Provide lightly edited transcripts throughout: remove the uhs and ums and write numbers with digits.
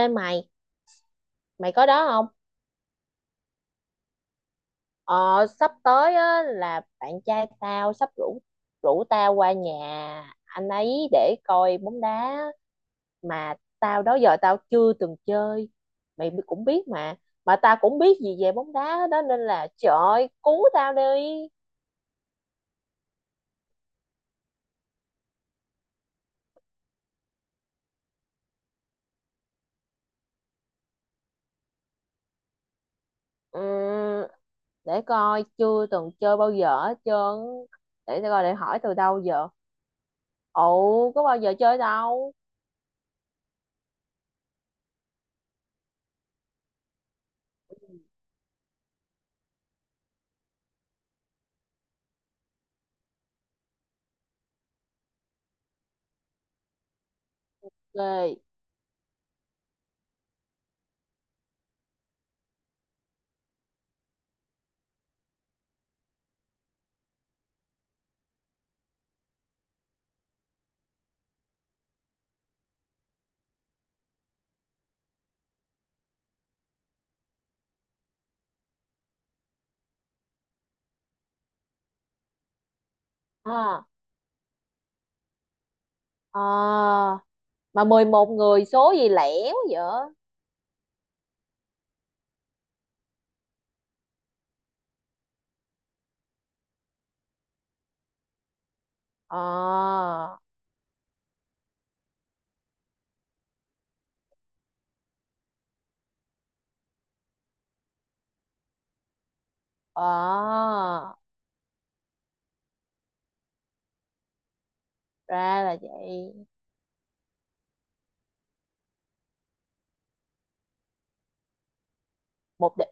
Ê mày, mày có đó không? Ờ, sắp tới á, là bạn trai tao sắp rủ rủ tao qua nhà anh ấy để coi bóng đá, mà tao đó giờ tao chưa từng chơi. Mày cũng biết mà tao cũng biết gì về bóng đá đó, nên là trời ơi, cứu tao đi. Ừm, để coi, chưa từng chơi bao giờ hết trơn. Để tao coi để hỏi từ đâu giờ. Ồ, có bao giờ chơi đâu. Ghê. À, à. Mà 11 người số gì lẻo vậy? Ờ, ờ, ra là vậy. một đ...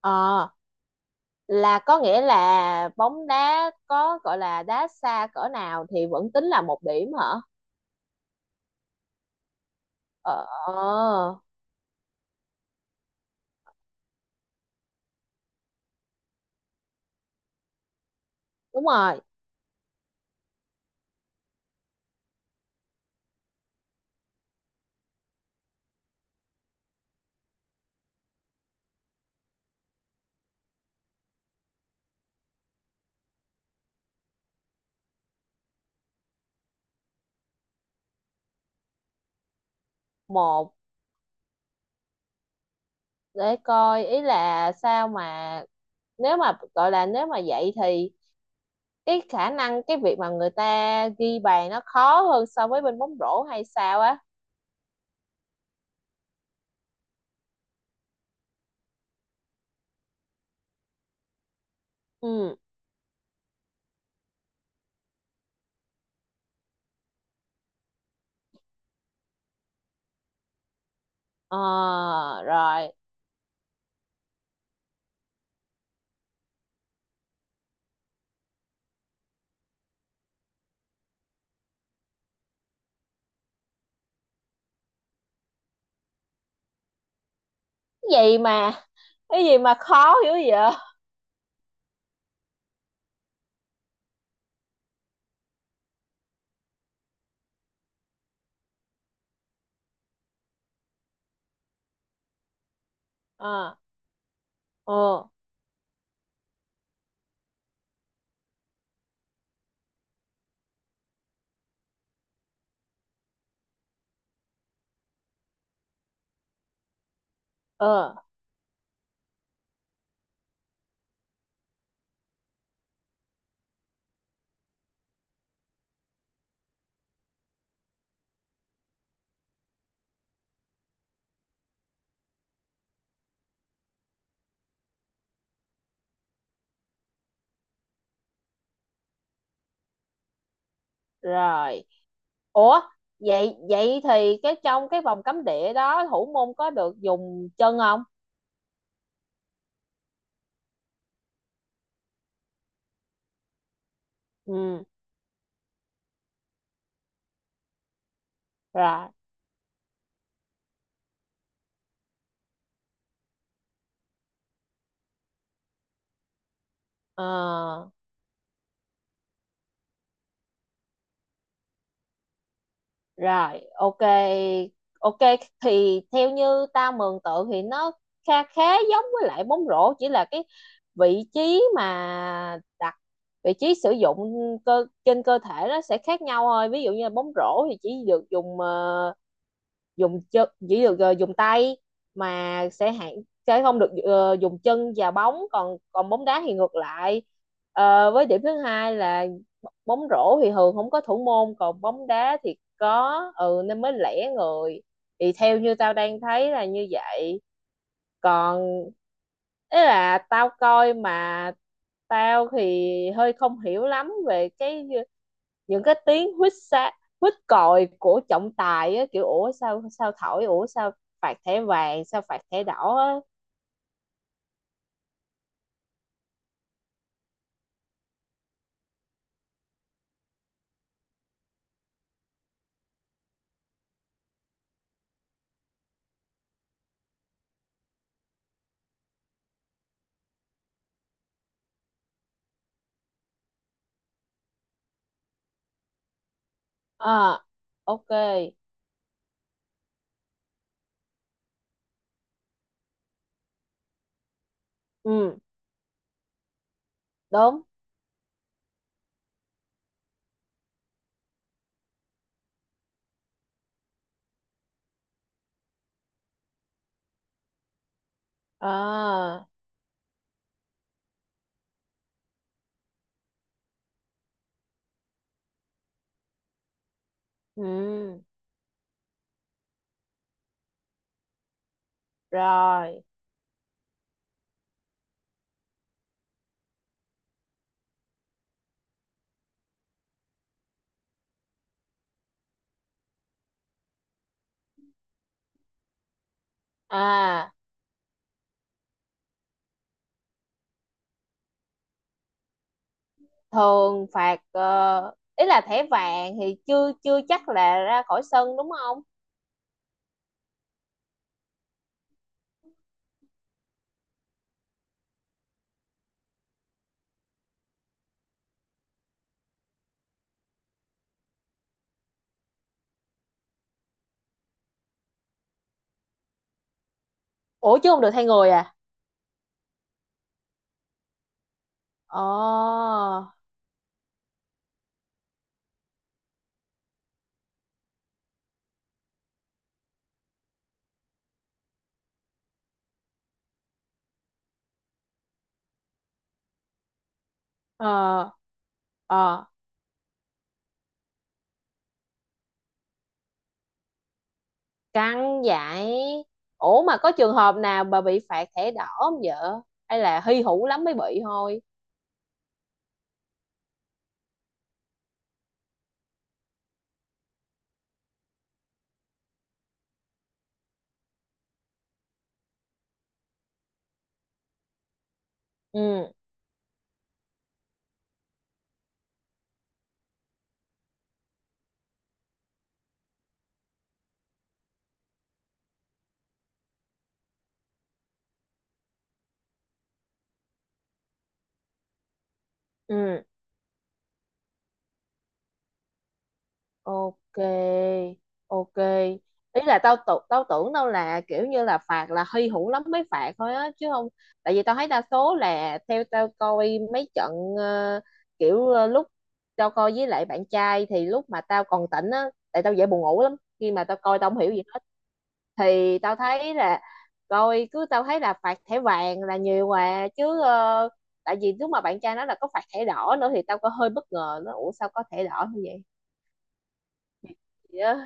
ờ, là có nghĩa là bóng đá có gọi là đá xa cỡ nào thì vẫn tính là một điểm hả? Ờ, đúng rồi. một để coi, ý là sao mà nếu mà gọi là, nếu mà vậy thì cái khả năng, cái việc mà người ta ghi bàn nó khó hơn so với bên bóng rổ hay sao á? Ừ. Ờ. Rồi. Cái gì mà, cái gì mà khó hiểu vậy? Ờ. Ờ. Ờ. Rồi. Ủa, vậy vậy thì cái trong cái vòng cấm địa đó thủ môn có được dùng chân không? Ừ. Rồi. Ờ. Rồi. Ok. Ok, thì theo như ta mường tượng thì nó khá, khá giống với lại bóng rổ, chỉ là cái vị trí mà đặt, vị trí sử dụng cơ trên cơ thể nó sẽ khác nhau thôi. Ví dụ như là bóng rổ thì chỉ được dùng chân, chỉ được dùng tay, mà sẽ hạn, sẽ không được dùng chân và bóng, còn còn bóng đá thì ngược lại. Ờ, với điểm thứ hai là bóng rổ thì thường không có thủ môn, còn bóng đá thì có, ừ, nên mới lẻ người. Thì theo như tao đang thấy là như vậy. Còn ý là tao coi mà tao thì hơi không hiểu lắm về cái những cái tiếng huýt sáo, mít còi của trọng tài á, kiểu ủa sao, sao thổi, ủa sao phạt thẻ vàng, sao phạt thẻ đỏ á. À, ok. Ừ, đúng. À, ừ, rồi. À, thường phạt, ý là thẻ vàng thì chưa chưa chắc là ra khỏi sân đúng không? Ủa, chứ không được thay người à? Ờ. Ờ. Ờ, căng vậy. Ủa, mà có trường hợp nào bà bị phạt thẻ đỏ không vợ, hay là hy hữu lắm mới bị thôi? Ừ. Ừ. Ok. Ok, ý là tao tưởng đâu là kiểu như là phạt là hy hữu lắm mới phạt thôi á chứ không. Tại vì tao thấy đa số là theo tao coi mấy trận, ờ, kiểu, lúc tao coi với lại bạn trai thì lúc mà tao còn tỉnh á, tại tao dễ buồn ngủ lắm, khi mà tao coi tao không hiểu gì hết, thì tao thấy là, coi cứ tao thấy là phạt thẻ vàng là nhiều mà chứ. Ờ, Tại vì lúc mà bạn trai nói là có phạt thẻ đỏ nữa thì tao có hơi bất ngờ, nó ủa sao có thẻ đỏ như vậy.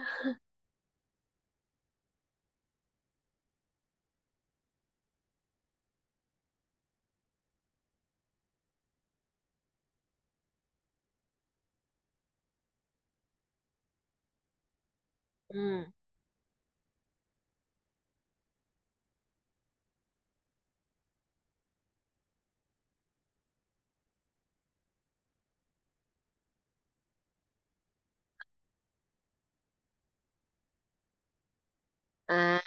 Ừ. À,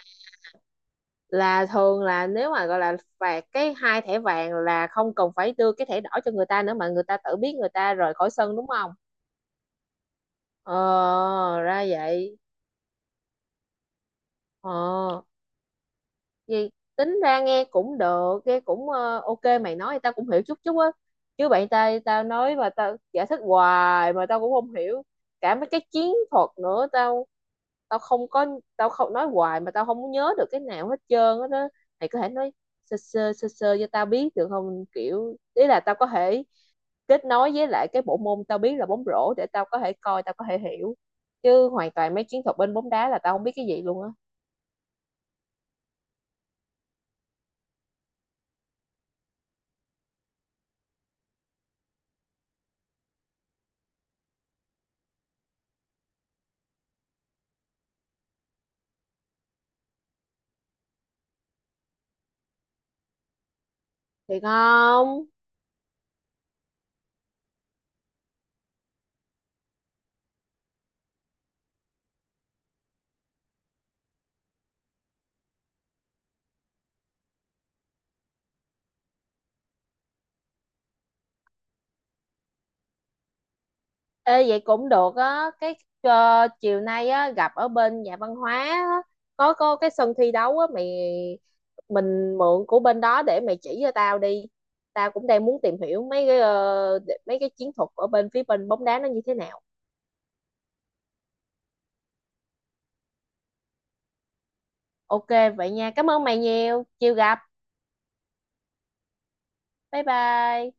là thường là nếu mà gọi là phạt cái hai thẻ vàng là không cần phải đưa cái thẻ đỏ cho người ta nữa mà người ta tự biết người ta rời khỏi sân đúng không? Ờ, ra vậy. Ờ. Vì tính ra nghe cũng được, nghe cũng ok, mày nói thì tao cũng hiểu chút chút á. Chứ bạn tao, tao nói mà tao giải thích hoài mà tao cũng không hiểu cả mấy cái chiến thuật nữa. Tao, tao không có, tao không nói hoài mà tao không có nhớ được cái nào hết trơn á đó. Mày có thể nói sơ sơ cho tao biết được không, kiểu ý là tao có thể kết nối với lại cái bộ môn tao biết là bóng rổ để tao có thể coi, tao có thể hiểu, chứ hoàn toàn mấy chiến thuật bên bóng đá là tao không biết cái gì luôn á. Thiệt không? Ê, vậy cũng được á. Cái chiều nay á, gặp ở bên nhà văn hóa á, có cái sân thi đấu á mày, mình mượn của bên đó để mày chỉ cho tao đi. Tao cũng đang muốn tìm hiểu mấy cái mấy cái chiến thuật ở bên phía bên bóng đá nó như thế nào. Ok, vậy nha, cảm ơn mày nhiều, chiều gặp. Bye bye.